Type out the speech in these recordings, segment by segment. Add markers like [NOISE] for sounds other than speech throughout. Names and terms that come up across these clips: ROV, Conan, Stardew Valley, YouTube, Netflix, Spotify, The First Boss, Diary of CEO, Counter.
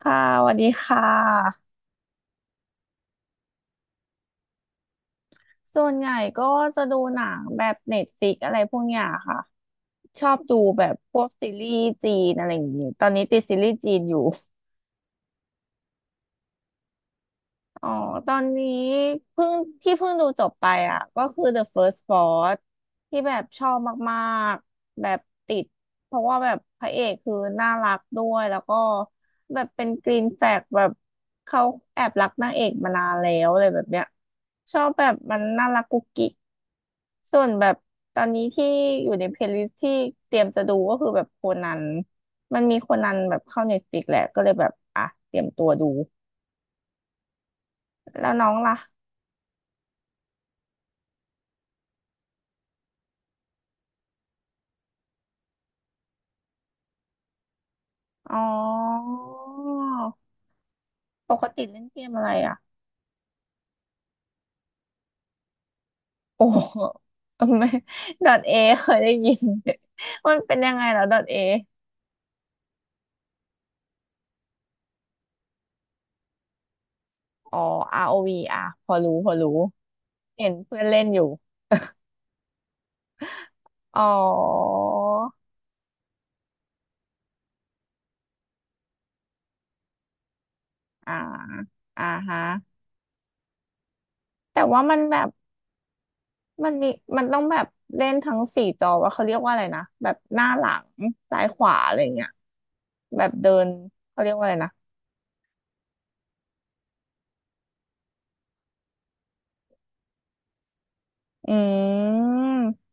ค่ะสวัสดีค่ะส่วนใหญ่ก็จะดูหนังแบบเน็ตฟ i ิกอะไรพวกเนี้ยค่ะ ชอบดูแบบพวกซีรีส์จีนอะไรอย่างงี้ ตอนนี้ติดซีรีส์จีนอยู่ อ๋อตอนนี้เพิ่งที่เพิ่งดูจบไปอ่ะก็คือ The First Boss ที่แบบชอบมากๆ แบบติดเพราะว่าแบบพระเอกคือน่ารักด้วยแล้วก็แบบเป็นกรีนแฟลกแบบเขาแอบรักนางเอกมานานแล้วอะไรแบบเนี้ยชอบแบบมันน่ารักกุ๊กกิ๊กส่วนแบบตอนนี้ที่อยู่ในเพลย์ลิสที่เตรียมจะดูก็คือแบบโคนันมันมีโคนันแบบเข้าเน็ตฟลิกแหละก็เลยแบบอ่ะเตรียมตัวดูแล้วน้องล่ะ อ๋อปกติเล่นเกมอะไรอ่ะโอ้ไม่ดอทเอเคยได้ยินมันเป็นยังไงแล้วดอทเออ๋อ ROV อวีอ่ะพอรู้พอรู้เห็นเพื่อนเล่นอยู่อ๋ออ่าอ่าฮะแต่ว่ามันแบบมันมีมันต้องแบบเล่นทั้งสี่จอว่าเขาเรียกว่าอะไรนะแบบหน้าหลังซ้ายขวาอะไรเงี้ยแบบเดินเขาเรียกว่าอะไรนะอืม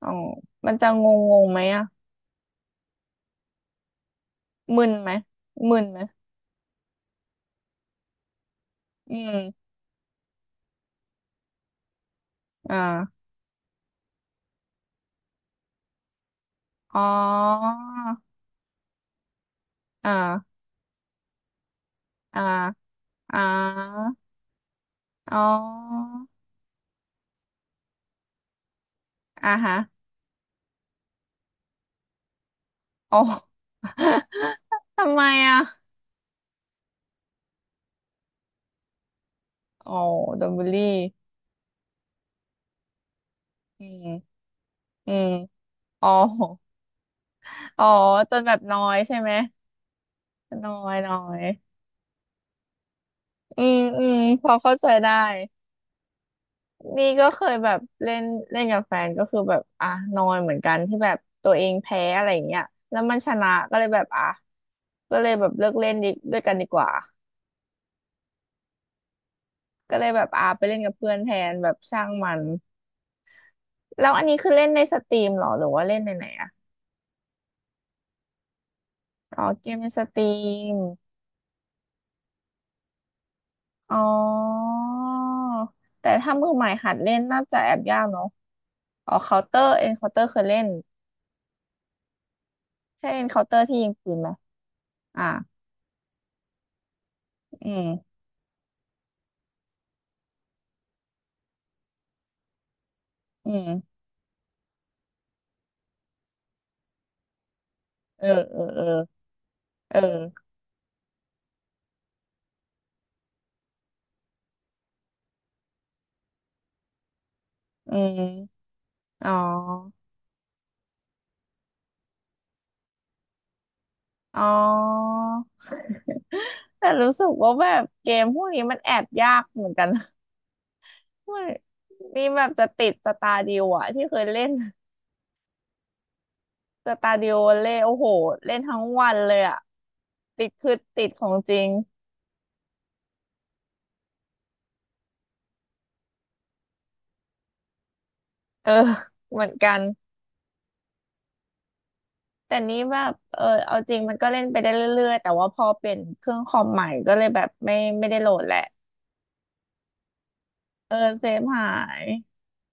อ๋อมันจะงงงงไหมอะ มึนไหมมึนไหมอืมอ่าอ๋ออ่าอ่าอ่าอ๋ออ่าฮะอ๋อ [LAUGHS] ทำไมอ่ะอ๋อโดนบูลลี่อืมอืมอ๋ออ๋อจนแบบน้อยใช่ไหมน้อยน้อยอืมอืมพอเข้าใจได้ นี่ก็เคยแบบเล่นเล่นกับแฟนก็คือแบบอ่ะนอยเหมือนกันที่แบบตัวเองแพ้อะไรอย่างเงี้ยแล้วมันชนะก็เลยแบบอ่ะก็เลยแบบเลิกเล่นดีด้วยกันดีกว่าก็เลยแบบอ่ะไปเล่นกับเพื่อนแทนแบบช่างมันแล้วอันนี้คือเล่นในสตรีมเหรอหรือว่าเล่นในไหนอะอ๋อเกมในสตรีมอ๋อแต่ถ้ามือใหม่หัดเล่นน่าจะแอบยากเนาะอ๋อเคาน์เตอร์เอ็นเคาน์เตอร์เคยเล่นใช่เอ็นเคาน์เตอร์ที่ยิงปืนไหมอ่ะอืมอืมเออเออเออ เอออืมอ๋ออ๋อแต่รู้สึกว่าแบบเกมพวกนี้มันแอบยากเหมือนกันนะ [LAUGHS] ไม่นี่แบบจะติดสตาร์ดิวอะที่เคยเล่นสตาร์ดิวเล่โอ้โหเล่นทั้งวันเลยอะติดคือติดของจริงเออเหมือนกันแต่นี้แบบเออเอาจริงมันก็เล่นไปได้เรื่อยๆแต่ว่าพอเปลี่ยนเครื่องคอมใหม่ก็เลยแบบไม่ได้โหลดแหละเออเซฟหาย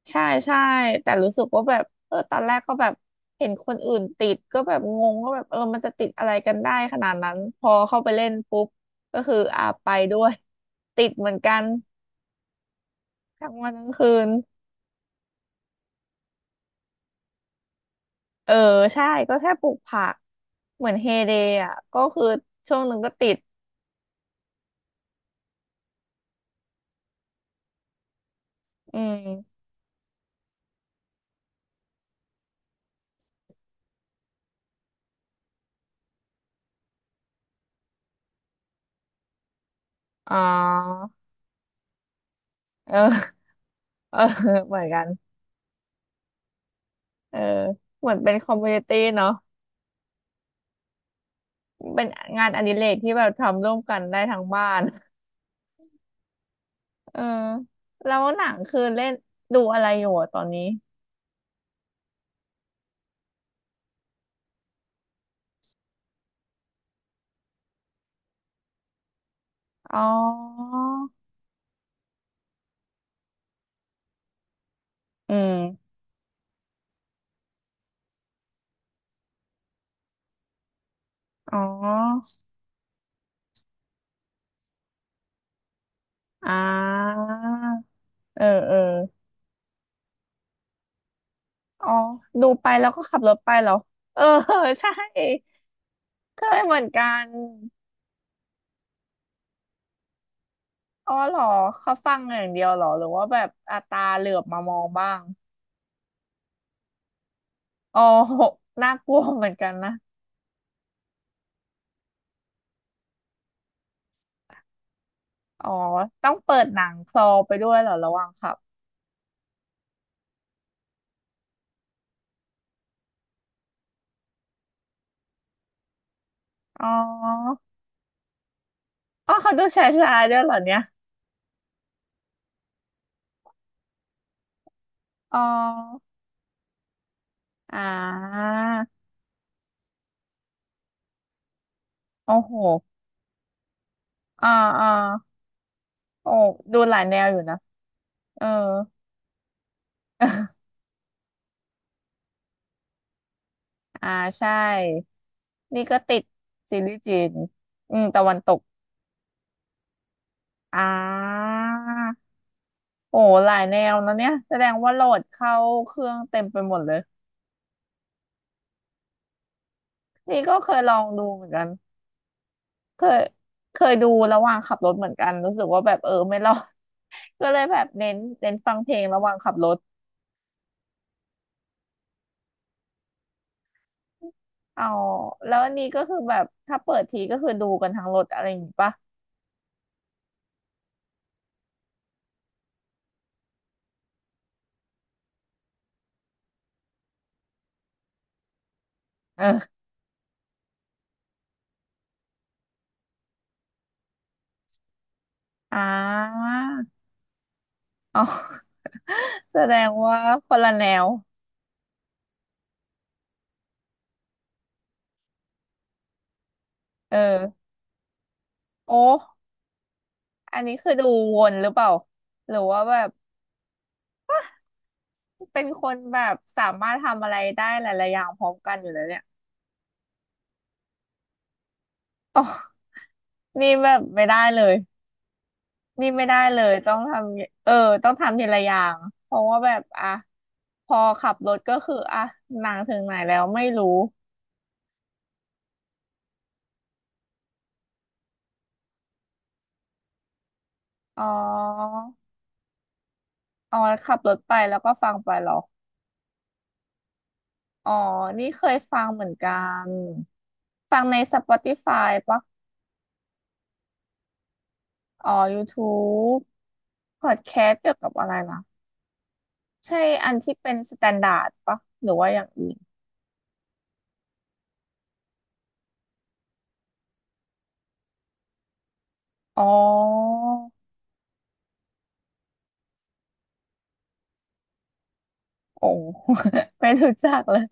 ใช่ใช่แต่รู้สึกว่าแบบเออตอนแรกก็แบบเห็นคนอื่นติดก็แบบงงว่าแบบเออมันจะติดอะไรกันได้ขนาดนั้นพอเข้าไปเล่นปุ๊บก็คืออ่าไปด้วย [LAUGHS] ติดเหมือนกันทั้งวันทั้งคืนเออใช่ก็แค่ปลูกผักเหมือนเฮเดย์อ่ะก็คือช่วงหนึ่งก็ติดอืมอ๋อเออ [LAUGHS] เออเหมือนกันเออเหมือนเป็นคอมมูนิตี้เนาะเป็นงานอดิเรกที่แบบทำร่วมกันได้ทั้งบ้าน เออแล้วหนังคือเล่นดูอะไรอยู่อะตอนนี้อ๋ออืมอ๋ออ่าเออเอออ๋อดูไปแล้วก็ขับรถไปเหรอเออ [LAUGHS] ใช่เคยเหมือนกันอ๋อเหรอเขาฟังอย่างเดียวเหรอหรือว่าแบบอาตาเหลือบมามองบ้างอ๋อ [LAUGHS] น่ากลัวเหมือนกันนะอ๋อต้องเปิดหนังคลอไปด้วยเหรอระหว่างขับอ๋ออ๋อเขาดูชายๆด้วยเหรอเนี่ยอ๋อ อ่าโอ้โหอ่าอ่าโอ้ดูหลายแนวอยู่นะเออ [LAUGHS] อ่าใช่นี่ก็ติดซีรีส์จีนอืมตะวันตกอ่าโอ้หลายแนวนะเนี่ยแสดงว่าโหลดเข้าเครื่องเต็มไปหมดเลยนี่ก็เคยลองดูเหมือนกันเคยดูระหว่างขับรถเหมือนกันรู้สึกว่าแบบเออไม่รอด [LAUGHS] ก็เลยแบบเน้นฟังเพลงระหว่างขับรถอ๋อแล้วอันนี้ก็คือแบบถ้าเปิดทีก็คือดูกันทั้งรถอะไรอย่างงี้ปะ เอออ่าอ๋อ [LAUGHS] แสดงว่าคนละแนวเออโอ้อันนี้คือดูวนหรือเปล่าหรือว่าแบบเป็นคนแบบสามารถทำอะไรได้หลายๆอย่างพร้อมกันอยู่แล้วเนี่ยอ๋อนี่แบบไม่ได้เลย นี่ไม่ได้เลยต้องทำเออต้องทำทีละอย่าง เพราะว่าแบบอ่ะพอขับรถก็คืออ่ะหนังถึงไหนแล้วไม่รู้อ๋ออ๋อขับรถไปแล้วก็ฟังไปเหรอ อ๋อ นี่เคยฟังเหมือนกัน ฟังใน Spotify ปะอ๋อ YouTube p o ดแคส t เกี่ยวกับอะไรนะ ใช่อันที่เป็นสแตนดาร์ดปะหรือว่าอย่างอื่นอ๋อโอ้ [LAUGHS] ไม่รู้จักเลย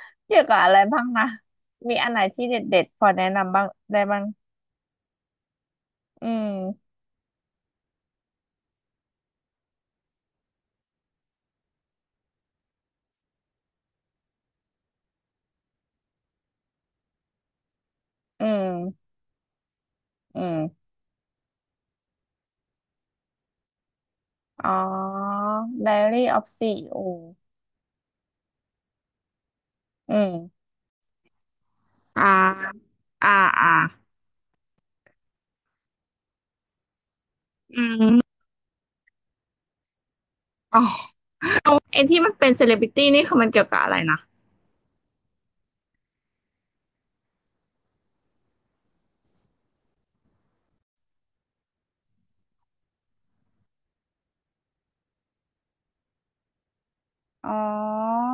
[LAUGHS] เกี่ยวกับอะไรบ้างนะ มีอันไหนที่เด็ดๆพอแนะนำบ้างได้บ้างอืมอืม อืม อ๋อ Diary of CEO อโออืมอ่าอ่าอ่าอืมอ๋อ ไอ้ที่มันเป็นเซเลบริตี้นี่คือมันเกี่ยวกับอะไรนะ อ๋อ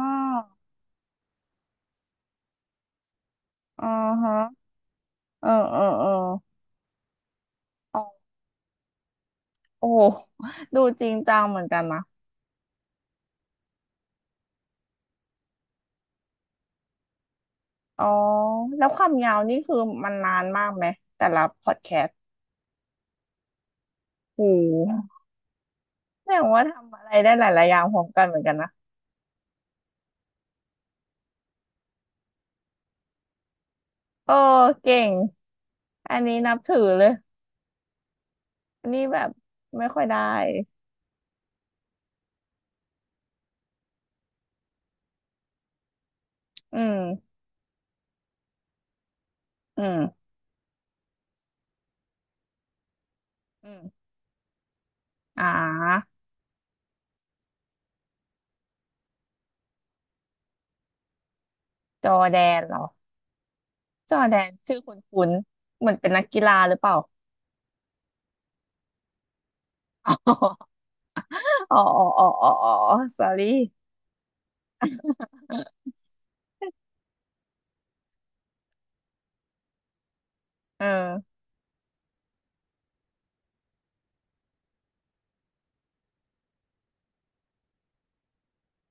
อ๋อฮะเออเออเอออ๋อโอ้โห [LAUGHS] ดูจริงจังเหมือนกันนะอ๋อ แล้วความยาวนี่คือมันนานมากไหมแต่ละพอดแคสต์โอ้โหแสดงว่าทำอะไรได้หลายๆอย่างพร้อมกันเหมือนกันนะเออเก่ง อันนี้นับถือเลยอันนี้แบบไม่ค่อยได้ อืม อืมอืมอ่าจอร์แดนเหรอจอร์แดนชื่อคุ้นๆเหมือนเป็นนักกีฬาหรือเปล่า [LAUGHS] อ๋ออ๋ออ๋ออ๋ออ๋อ sorry เออ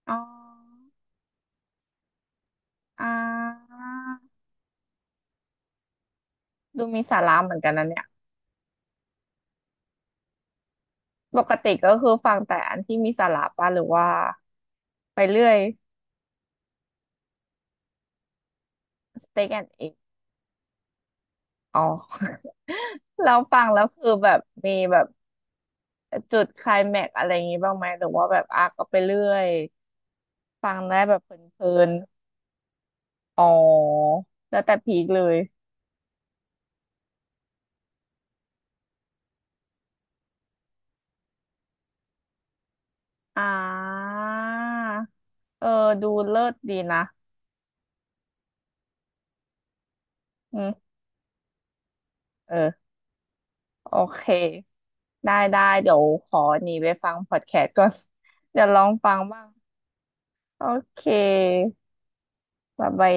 อ๋ออ่าดูมีสาระเหมือนกันนะเนี่ยปกติก็คือฟังแต่อันที่มีสาระป่ะหรือว่าไปเรื่อย steak and egg อ๋อ [LAUGHS] เราฟังแล้วคือแบบมีแบบจุดไคลแม็กซ์อะไรอย่างงี้บ้างไหมหรือว่าแบบอ่ะก็ไปเรื่อยฟังได้แบบเพลินๆอ๋อแล้วแต่พีคเลยอ่าเออดูเลิศดีนะอืมเออ โอเค ได้ได้ เดี๋ยวขอหนีไปฟังพอดแคสต์ก่อน [LAUGHS] เดี๋ยวลองฟังบ้าง โอเคบ๊ายบาย